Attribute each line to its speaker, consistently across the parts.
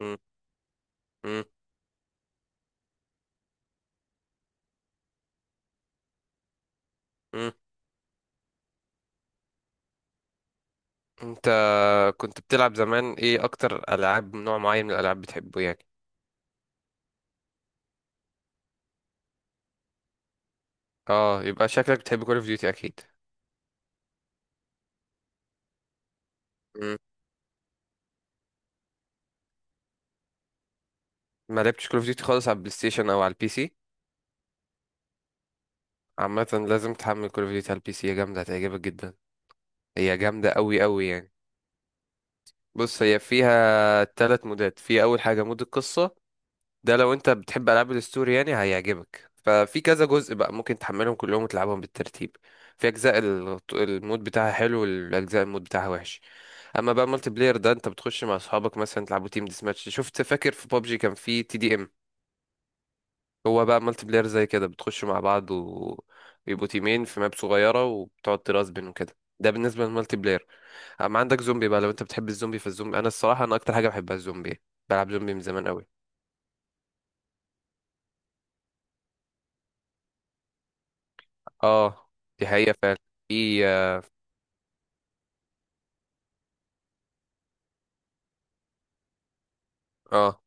Speaker 1: مم. مم. مم. انت كنت بتلعب زمان ايه؟ اكتر العاب، نوع معين من الالعاب بتحبه يعني؟ اه، يبقى شكلك بتحب كول اوف ديوتي اكيد. مم. ما لعبتش كول اوف ديوتي خالص على البلاي ستيشن او على البي سي؟ عامه لازم تحمل كول اوف ديوتي على البي سي، هي جامده هتعجبك جدا. هي جامده قوي قوي يعني. بص، هي فيها ثلاث مودات. في اول حاجه مود القصه، ده لو انت بتحب العاب الستوري يعني هيعجبك، ففي كذا جزء بقى ممكن تحملهم كلهم وتلعبهم بالترتيب. في اجزاء المود بتاعها حلو، والاجزاء المود بتاعها وحش. اما بقى مالتي بلاير ده، انت بتخش مع اصحابك مثلا تلعبوا تيم ديس ماتش، شفت؟ فاكر في بابجي كان في تي دي ام؟ هو بقى مالتي بلاير زي كده، بتخشوا مع بعض ويبقوا تيمين في ماب صغيره، وبتقعد ترازبن وكده. ده بالنسبه للمالتي بلاير. اما عندك زومبي بقى، لو انت بتحب الزومبي، فالزومبي انا الصراحه انا اكتر حاجه بحبها الزومبي، بلعب زومبي من زمان قوي. اه، دي حقيقة فعلا. في آه،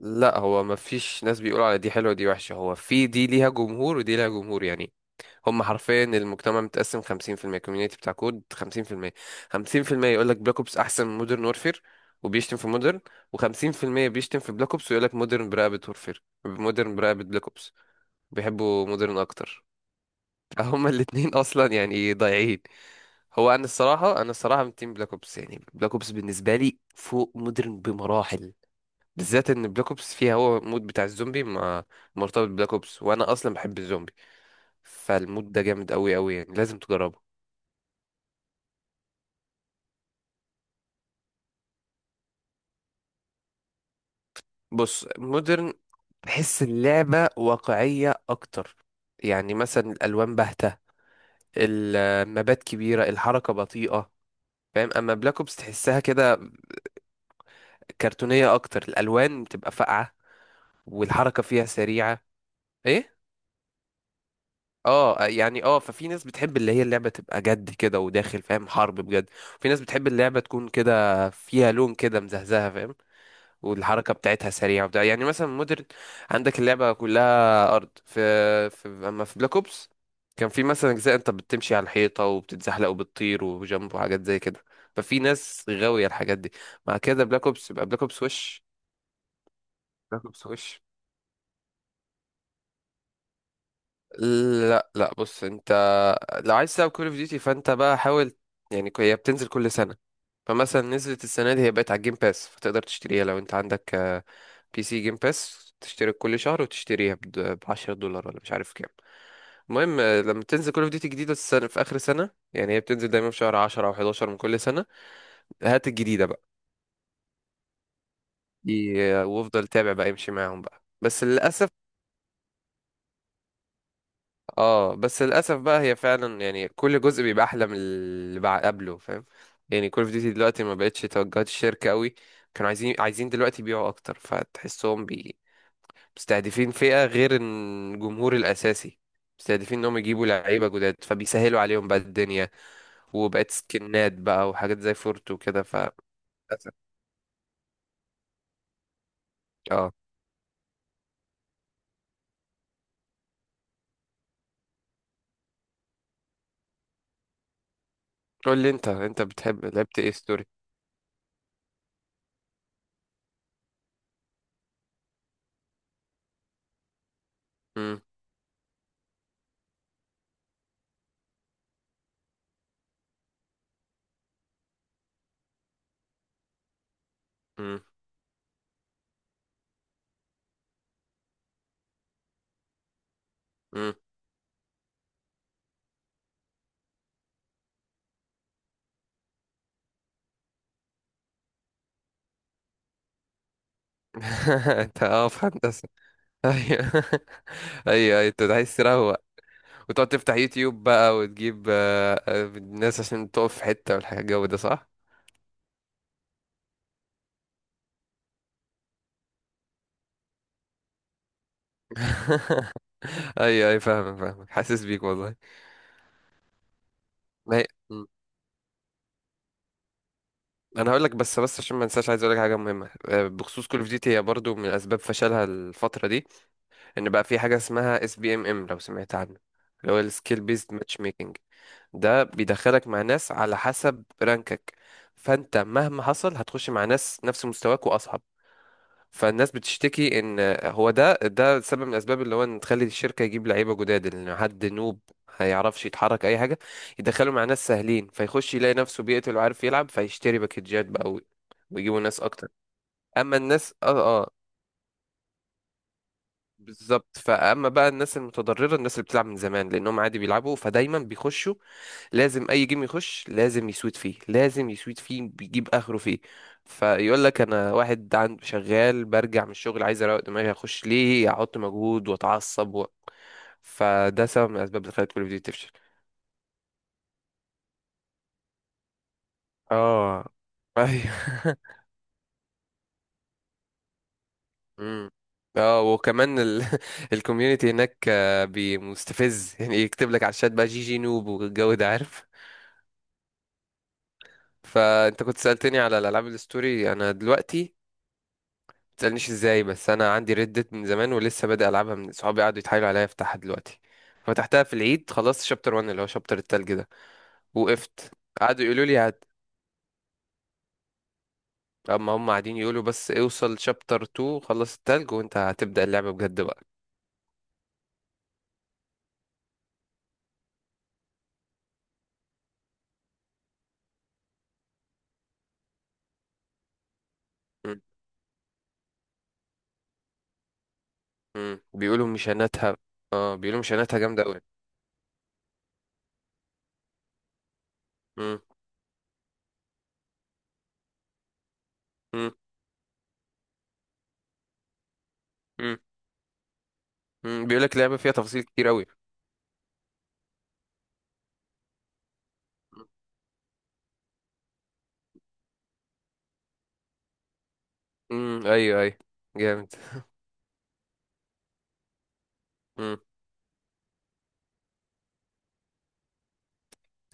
Speaker 1: لا، هو ما فيش ناس بيقولوا على دي حلوة ودي وحشة، هو في دي ليها جمهور ودي ليها جمهور يعني. هم حرفيا المجتمع متقسم 50%، الكوميونيتي بتاع كود، 50% يقول لك بلاك اوبس احسن من مودرن وورفير وبيشتم في مودرن، و50% بيشتم في بلاك اوبس ويقول لك مودرن برقبة وورفير، مودرن برقبة بلاك اوبس، بيحبوا مودرن اكتر. فهم الاتنين اصلا يعني ضايعين. هو انا الصراحه من تيم بلاك اوبس، يعني بلاك اوبس بالنسبه لي فوق مودرن بمراحل، بالذات ان بلاك اوبس فيها هو المود بتاع الزومبي، ما مرتبط ببلاك اوبس وانا اصلا بحب الزومبي، فالمود ده جامد قوي قوي يعني، لازم تجربه. بص، مودرن بحس اللعبه واقعيه اكتر، يعني مثلا الالوان باهته، المبات كبيره، الحركه بطيئه، فاهم؟ اما بلاك اوبس تحسها كده كرتونيه اكتر، الالوان بتبقى فاقعه، والحركه فيها سريعه. ايه، اه. آه، يعني اه، ففي ناس بتحب اللي هي اللعبة تبقى جد كده وداخل، فاهم، حرب بجد. في ناس بتحب اللعبة تكون كده فيها لون كده مزهزهة، فاهم؟ والحركة بتاعتها سريعة وبتاع. يعني مثلا مودرن، عندك اللعبة كلها أرض، في أما في بلاك أوبس كان في مثلا أجزاء أنت بتمشي على الحيطة وبتتزحلق وبتطير وجنب وحاجات زي كده. ففي ناس غاوية الحاجات دي. مع كده، بلاك أوبس يبقى بلاك أوبس وش. بلاك أوبس وش. لا لا، بص انت، لو عايز تلعب كول اوف ديوتي، فانت بقى حاول. يعني هي بتنزل كل سنة، فمثلا نزلت السنة دي هي بقت على الجيم باس، فتقدر تشتريها لو انت عندك بي سي جيم باس، تشترك كل شهر وتشتريها ب 10 دولار، ولا مش عارف كام. المهم، لما تنزل كول اوف ديوتي جديدة السنة، في آخر سنة يعني، هي بتنزل دايما في شهر 10 أو 11 من كل سنة، هات الجديدة بقى. دي وافضل تابع بقى، امشي معاهم بقى، بس للأسف. اه، بس للاسف بقى، هي فعلا يعني كل جزء بيبقى احلى من اللي قبله، فاهم؟ يعني كول اوف ديوتي دلوقتي ما بقتش توجهات الشركه قوي. كانوا عايزين دلوقتي يبيعوا اكتر، فتحسهم مستهدفين فئه غير الجمهور الاساسي، مستهدفين انهم يجيبوا لعيبه جداد، فبيسهلوا عليهم بقى الدنيا، وبقت سكنات بقى وحاجات زي فورت وكده، للأسف. اه، قول لي انت، انت بتحب لعبت ايه ستوري؟ امم. امم. امم. انت اه في هندسه؟ ايوه. ايوه أيوة، انت عايز تروق، وتقعد تفتح يوتيوب بقى وتجيب الناس، عشان تقف في حتة والحاجة الجو ده، صح؟ ايوه ايوه، فاهمك فاهمك، حاسس بيك والله. ما هي... م. انا هقول لك، بس عشان ما انساش، عايز اقول لك حاجه مهمه بخصوص كول اوف ديوتي، هي برضو من اسباب فشلها الفتره دي، ان بقى في حاجه اسمها اس بي ام ام، لو سمعت عنه، اللي هو السكيل بيزد ماتش ميكنج. ده بيدخلك مع ناس على حسب رانكك، فانت مهما حصل هتخش مع ناس نفس مستواك واصعب. فالناس بتشتكي ان هو ده سبب من الاسباب، اللي هو ان تخلي الشركه يجيب لعيبه جداد، ان حد نوب هيعرفش يتحرك اي حاجه، يدخله مع ناس سهلين، فيخش يلاقي نفسه بيقتل وعارف يلعب، فيشتري باكجات بقى ويجيبوا ناس اكتر. اما الناس اه، اه، بالظبط. فاما بقى الناس المتضرره، الناس اللي بتلعب من زمان، لانهم عادي بيلعبوا، فدايما بيخشوا، لازم اي جيم يخش لازم يسود فيه، لازم يسود فيه، بيجيب اخره فيه. فيقول لك انا واحد عند شغال، برجع من الشغل عايز اروق دماغي، اخش ليه احط مجهود واتعصب فده سبب من الاسباب اللي خلت كل فيديو تفشل. اه، ايوه. امم. اه، وكمان الكوميونتي هناك مستفز، يعني يكتب لك على الشات بقى، جي جي نوب والجو ده، عارف؟ فانت كنت سألتني على الالعاب الستوري، انا دلوقتي تسألنيش ازاي، بس انا عندي ردت من زمان، ولسه بادئ العبها من صحابي قعدوا يتحايلوا عليا افتحها دلوقتي. فتحتها في العيد، خلصت شابتر 1 اللي هو شابتر التلج ده، وقفت. قعدوا يقولوا لي اما هم قاعدين يقولوا، بس اوصل شابتر 2 خلص التلج، وانت هتبدأ اللعبة بجد بقى. م- م. بيقولوا مشاناتها، اه بيقولوا مشاناتها جامدة قوي. بيقول لك لعبة فيها تفاصيل كتير قوي. مم. ايوه ايوه، جامد.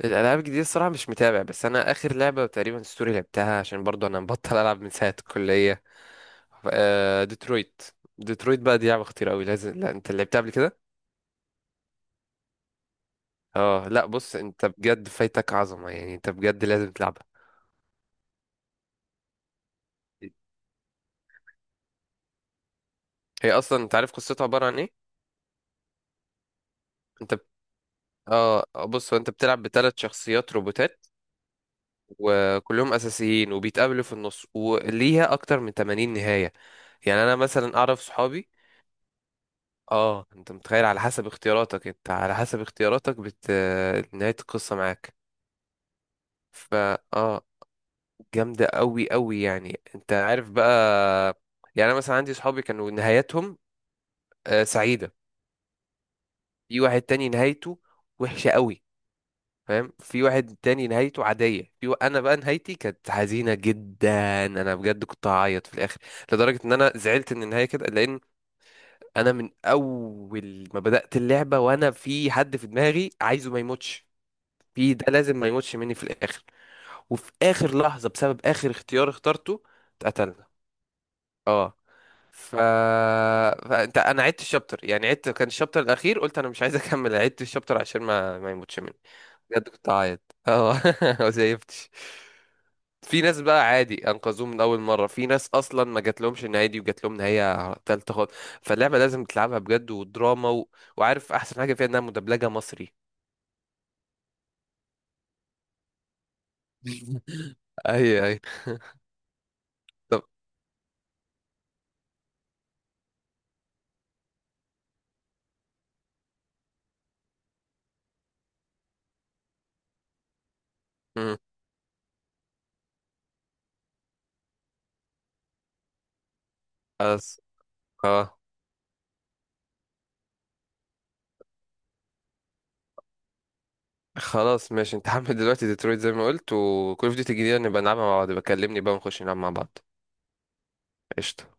Speaker 1: الالعاب الجديده الصراحه مش متابع، بس انا اخر لعبه تقريبا ستوري لعبتها، عشان برضو انا مبطل العب من ساعه الكليه، آه ديترويت. ديترويت بقى دي لعبه خطيره قوي، لازم، لا انت لعبتها قبل كده؟ اه، لا بص انت بجد فايتك عظمه يعني، انت بجد لازم تلعبها. هي اصلا انت عارف قصتها عباره عن ايه؟ انت بت- اه بص، هو انت بتلعب بثلاث شخصيات روبوتات، وكلهم اساسيين، وبيتقابلوا في النص، وليها اكتر من 80 نهايه. يعني انا مثلا اعرف صحابي، اه انت متخيل؟ على حسب اختياراتك، نهاية القصة معاك. فا اه جامدة قوي قوي يعني، انت عارف بقى. يعني انا مثلا عندي صحابي كانوا نهايتهم آه سعيدة، في واحد تاني نهايته وحشة قوي، فاهم، في واحد تاني نهايته عادية، في انا بقى نهايتي كانت حزينة جدا، انا بجد كنت هعيط في الاخر، لدرجة ان انا زعلت ان النهاية كده، لان انا من اول ما بدأت اللعبة وانا في حد في دماغي عايزه ما يموتش، ده لازم ما يموتش مني في الاخر، وفي اخر لحظه بسبب اخر اختيار اخترته اتقتلنا. اه. ف... فانت انا عدت الشابتر، يعني عدت كان الشابتر الاخير، قلت انا مش عايز اكمل، عدت الشابتر عشان ما يموتش مني. بجد كنت اعيط. اه ما زيفتش. في ناس بقى عادي انقذوه من اول مره، في ناس اصلا ما جات لهمش النهايه دي وجات لهم نهايه تالته خالص. فاللعبه لازم تلعبها بجد ودراما وعارف احسن حاجه فيها؟ انها مدبلجه مصري. اي اي. طب. مم. اه خلاص ماشي، انت هعمل دلوقتي ديترويت زي ما قلت، وكل اوف ديوتي الجديدة نبقى نلعبها مع بعض، بكلمني بقى ونخش نلعب مع بعض. قشطة.